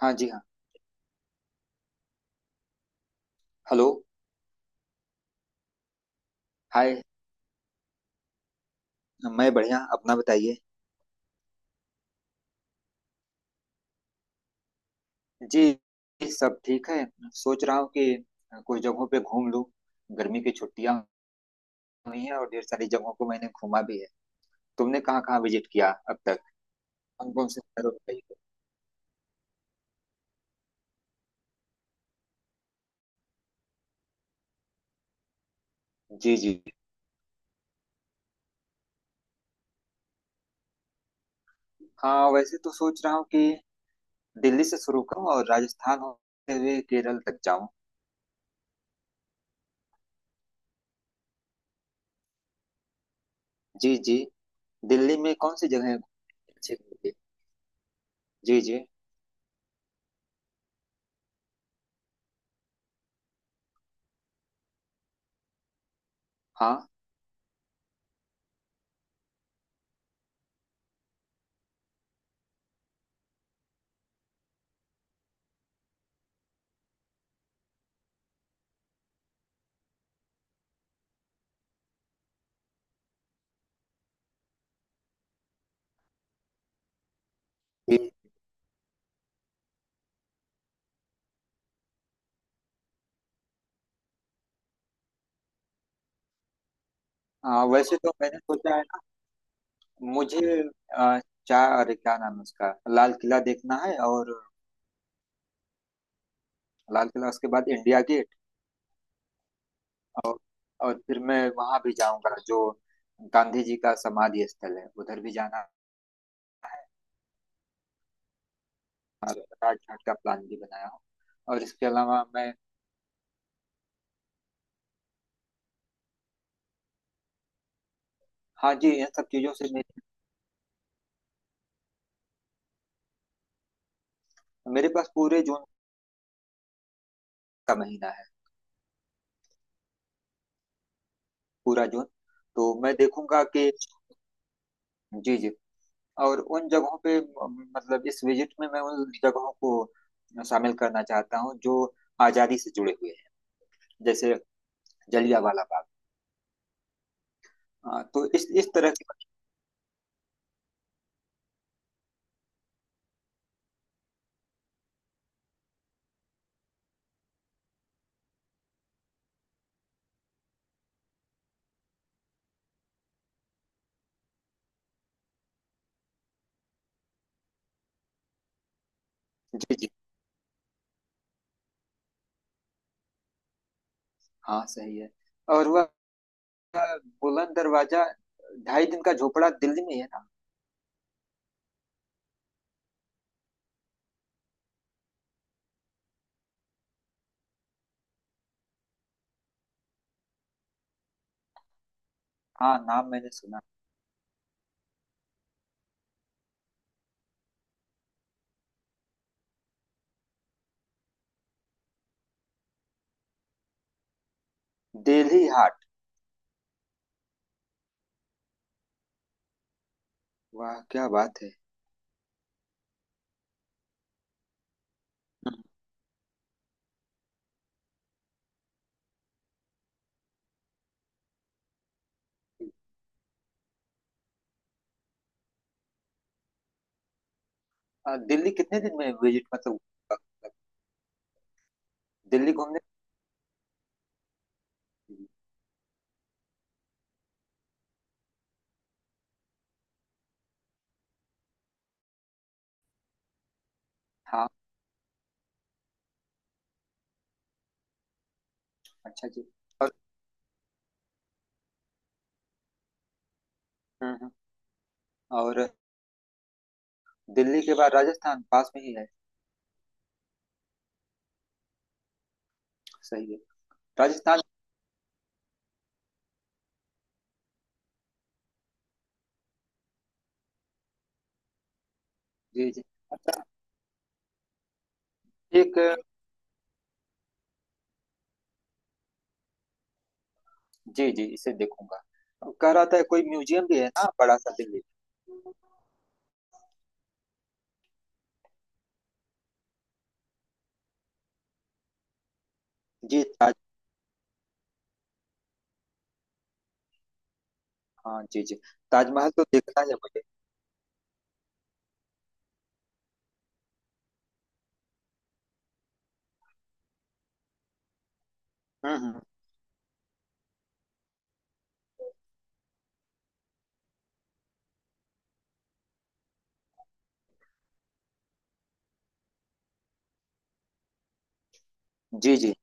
हाँ जी हाँ। हेलो। हाय। मैं बढ़िया, अपना बताइए। जी सब ठीक है। सोच रहा हूँ कि कुछ जगहों पे घूम लूँ। गर्मी की छुट्टियां हुई हैं और ढेर सारी जगहों को मैंने घूमा भी है। तुमने कहाँ कहाँ विजिट किया अब तक? कौन कौन से शहरों पे गई हो? जी जी। हाँ वैसे तो सोच रहा हूँ कि दिल्ली से शुरू करूँ और राजस्थान होते हुए केरल तक जाऊँ। जी जी। दिल्ली में कौन सी जगह अच्छी होगी? जी जी। हाँ जी। हाँ वैसे तो मैंने सोचा है मुझे अ, चार, अरे क्या नाम है उसका, लाल किला देखना है। और लाल किला उसके बाद इंडिया गेट। और और फिर मैं वहां भी जाऊंगा जो गांधी जी का समाधि स्थल है, उधर भी जाना। राज घाट का प्लान भी बनाया हूँ। और इसके अलावा मैं, हाँ जी इन सब चीजों से, मेरे पास पूरे जून का महीना है। पूरा जून। तो मैं देखूंगा कि, जी जी, और उन जगहों पे मतलब इस विजिट में मैं उन जगहों को शामिल करना चाहता हूँ जो आजादी से जुड़े हुए हैं। जैसे जलियांवाला बाग। हाँ तो इस तरह की। जी जी। हाँ सही है। और वह बुलंद दरवाजा, ढाई दिन का झोपड़ा दिल्ली में ही है ना। हाँ नाम मैंने सुना। दिल्ली हाट। वाह क्या बात है। हम्म। दिल्ली कितने दिन में विजिट मतलब, दिल्ली घूमने। हाँ अच्छा जी। और हम्म, हम्म। और दिल्ली के बाद राजस्थान पास में ही है। सही है। राजस्थान। जी जी। अच्छा। एक, जी जी इसे देखूंगा। कह रहा था कोई म्यूजियम भी है ना बड़ा सा दिल्ली। जी। हाँ जी जी, ताजमहल तो देखना है मुझे। हम्म। जी जी।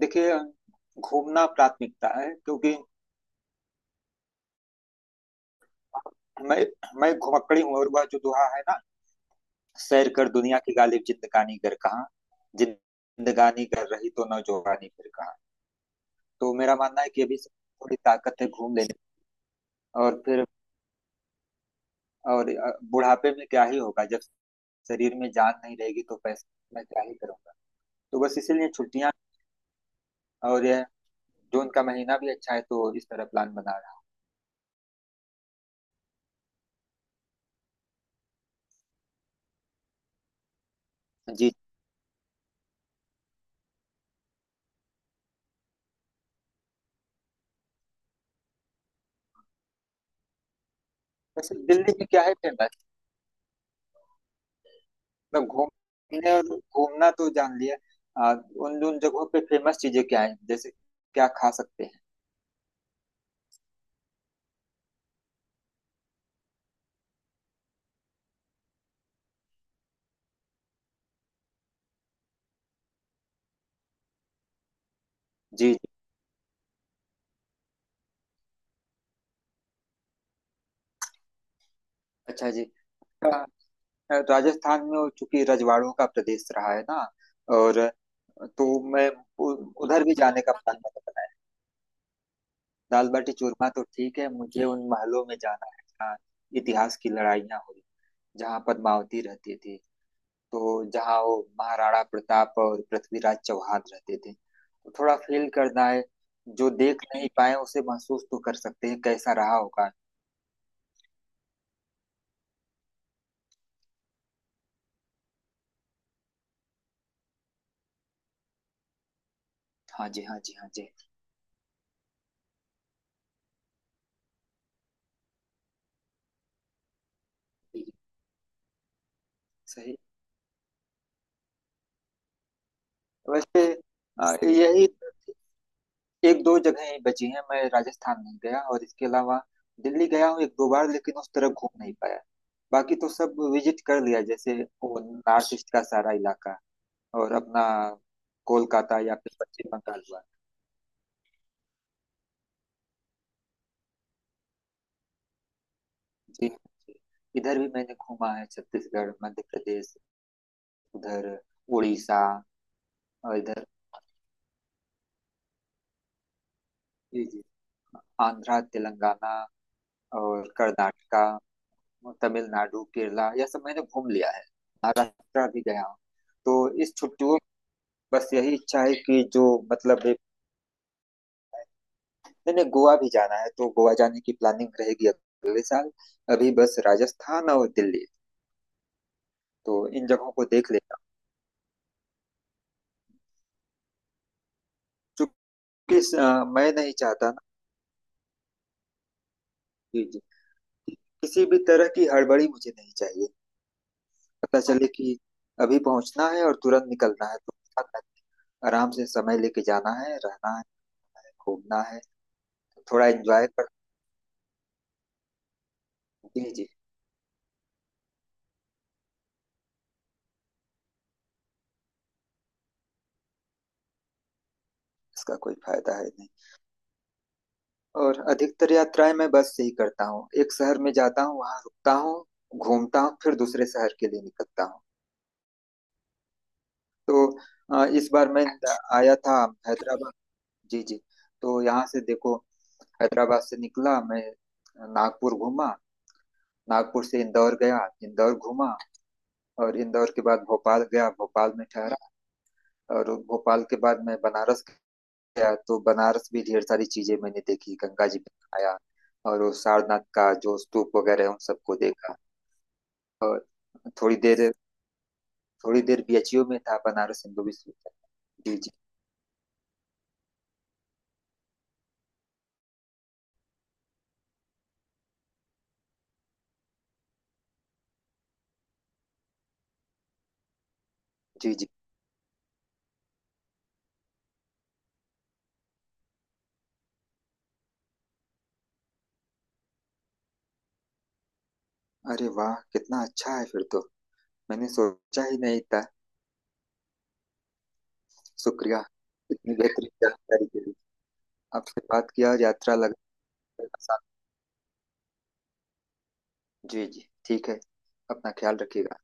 देखिए, घूमना प्राथमिकता है क्योंकि मैं मैं घुमक्कड़ी हूँ। और वह जो दोहा है ना, सैर कर दुनिया की गालिब, जिंदगानी कर कहाँ। जिंदगानी कर रही तो न, जोगानी फिर कहाँ। तो मेरा मानना है कि अभी से थोड़ी ताकत है घूम लेने की। और फिर और बुढ़ापे में क्या ही होगा, जब शरीर में जान नहीं रहेगी तो पैसे मैं क्या ही करूंगा। तो बस इसीलिए छुट्टियां। और यह जून का महीना भी अच्छा है, तो इस तरह प्लान बना रहा हूँ। जी। वैसे दिल्ली में क्या है फेमस? मतलब घूमने, और घूमना तो जान लिया। उन उन जगहों पे फेमस चीजें क्या है, जैसे क्या खा सकते हैं? जी जी। अच्छा जी। अ, राजस्थान में वो चूंकि रजवाड़ों का प्रदेश रहा है ना, और तो मैं उधर भी जाने का प्लान मैंने बनाया है। दाल बाटी चूरमा तो ठीक है, मुझे उन महलों में जाना है जहाँ इतिहास की लड़ाइयाँ हुई, जहाँ पद्मावती रहती थी। तो जहाँ वो महाराणा प्रताप और पृथ्वीराज चौहान रहते थे, तो थोड़ा फील करना है। जो देख नहीं पाए उसे महसूस तो कर सकते हैं कैसा रहा होगा। हाँ जी हाँ जी हाँ जी। सही। वैसे यही एक दो जगह ही बची हैं, मैं राजस्थान नहीं गया। और इसके अलावा दिल्ली गया हूँ एक दो बार लेकिन उस तरफ घूम नहीं पाया। बाकी तो सब विजिट कर लिया, जैसे वो नॉर्थ ईस्ट का सारा इलाका। और अपना कोलकाता या फिर पश्चिम बंगाल हुआ। जी जी। इधर भी मैंने घूमा है, छत्तीसगढ़ मध्य प्रदेश, उधर उड़ीसा। और इधर जी जी आंध्रा तेलंगाना और कर्नाटका तमिलनाडु केरला, यह सब मैंने घूम लिया है। महाराष्ट्र भी गया हूँ। तो इस छुट्टियों में बस यही इच्छा है कि जो, मतलब मैंने गोवा भी जाना है तो गोवा जाने की प्लानिंग रहेगी अगले साल। अभी बस राजस्थान और दिल्ली, तो इन जगहों को देख लेता हूँ। चूंकि मैं नहीं चाहता ना, जी, किसी भी तरह की हड़बड़ी मुझे नहीं चाहिए। पता चले कि अभी पहुंचना है और तुरंत निकलना है तो ऐसा नहीं। आराम से समय लेके जाना है, रहना है, घूमना है, थोड़ा एंजॉय कर। जी जी। इसका कोई फायदा है नहीं। और अधिकतर यात्राएं मैं बस से ही करता हूँ, एक शहर में जाता हूँ वहां रुकता हूँ, घूमता हूँ फिर दूसरे शहर के लिए निकलता हूँ। तो इस बार मैं आया था हैदराबाद। जी जी। तो यहाँ से देखो, हैदराबाद से निकला मैं, नागपुर घूमा, नागपुर से इंदौर गया, इंदौर घूमा, और इंदौर के बाद भोपाल गया, भोपाल में ठहरा। और भोपाल के बाद मैं बनारस गया, तो बनारस भी ढेर सारी चीजें मैंने देखी, गंगा जी में आया, और वो सारनाथ का जो स्तूप वगैरह है, उन सबको देखा। और थोड़ी देर थोड़ी देर बीएचयू में था, बनारस हिंदू विश्वविद्यालय। जी जी। जी जी। अरे वाह कितना अच्छा है फिर तो, मैंने सोचा ही नहीं था। शुक्रिया इतनी बेहतरीन जानकारी के लिए। आपसे बात किया यात्रा लगा। जी जी ठीक है। अपना ख्याल रखिएगा।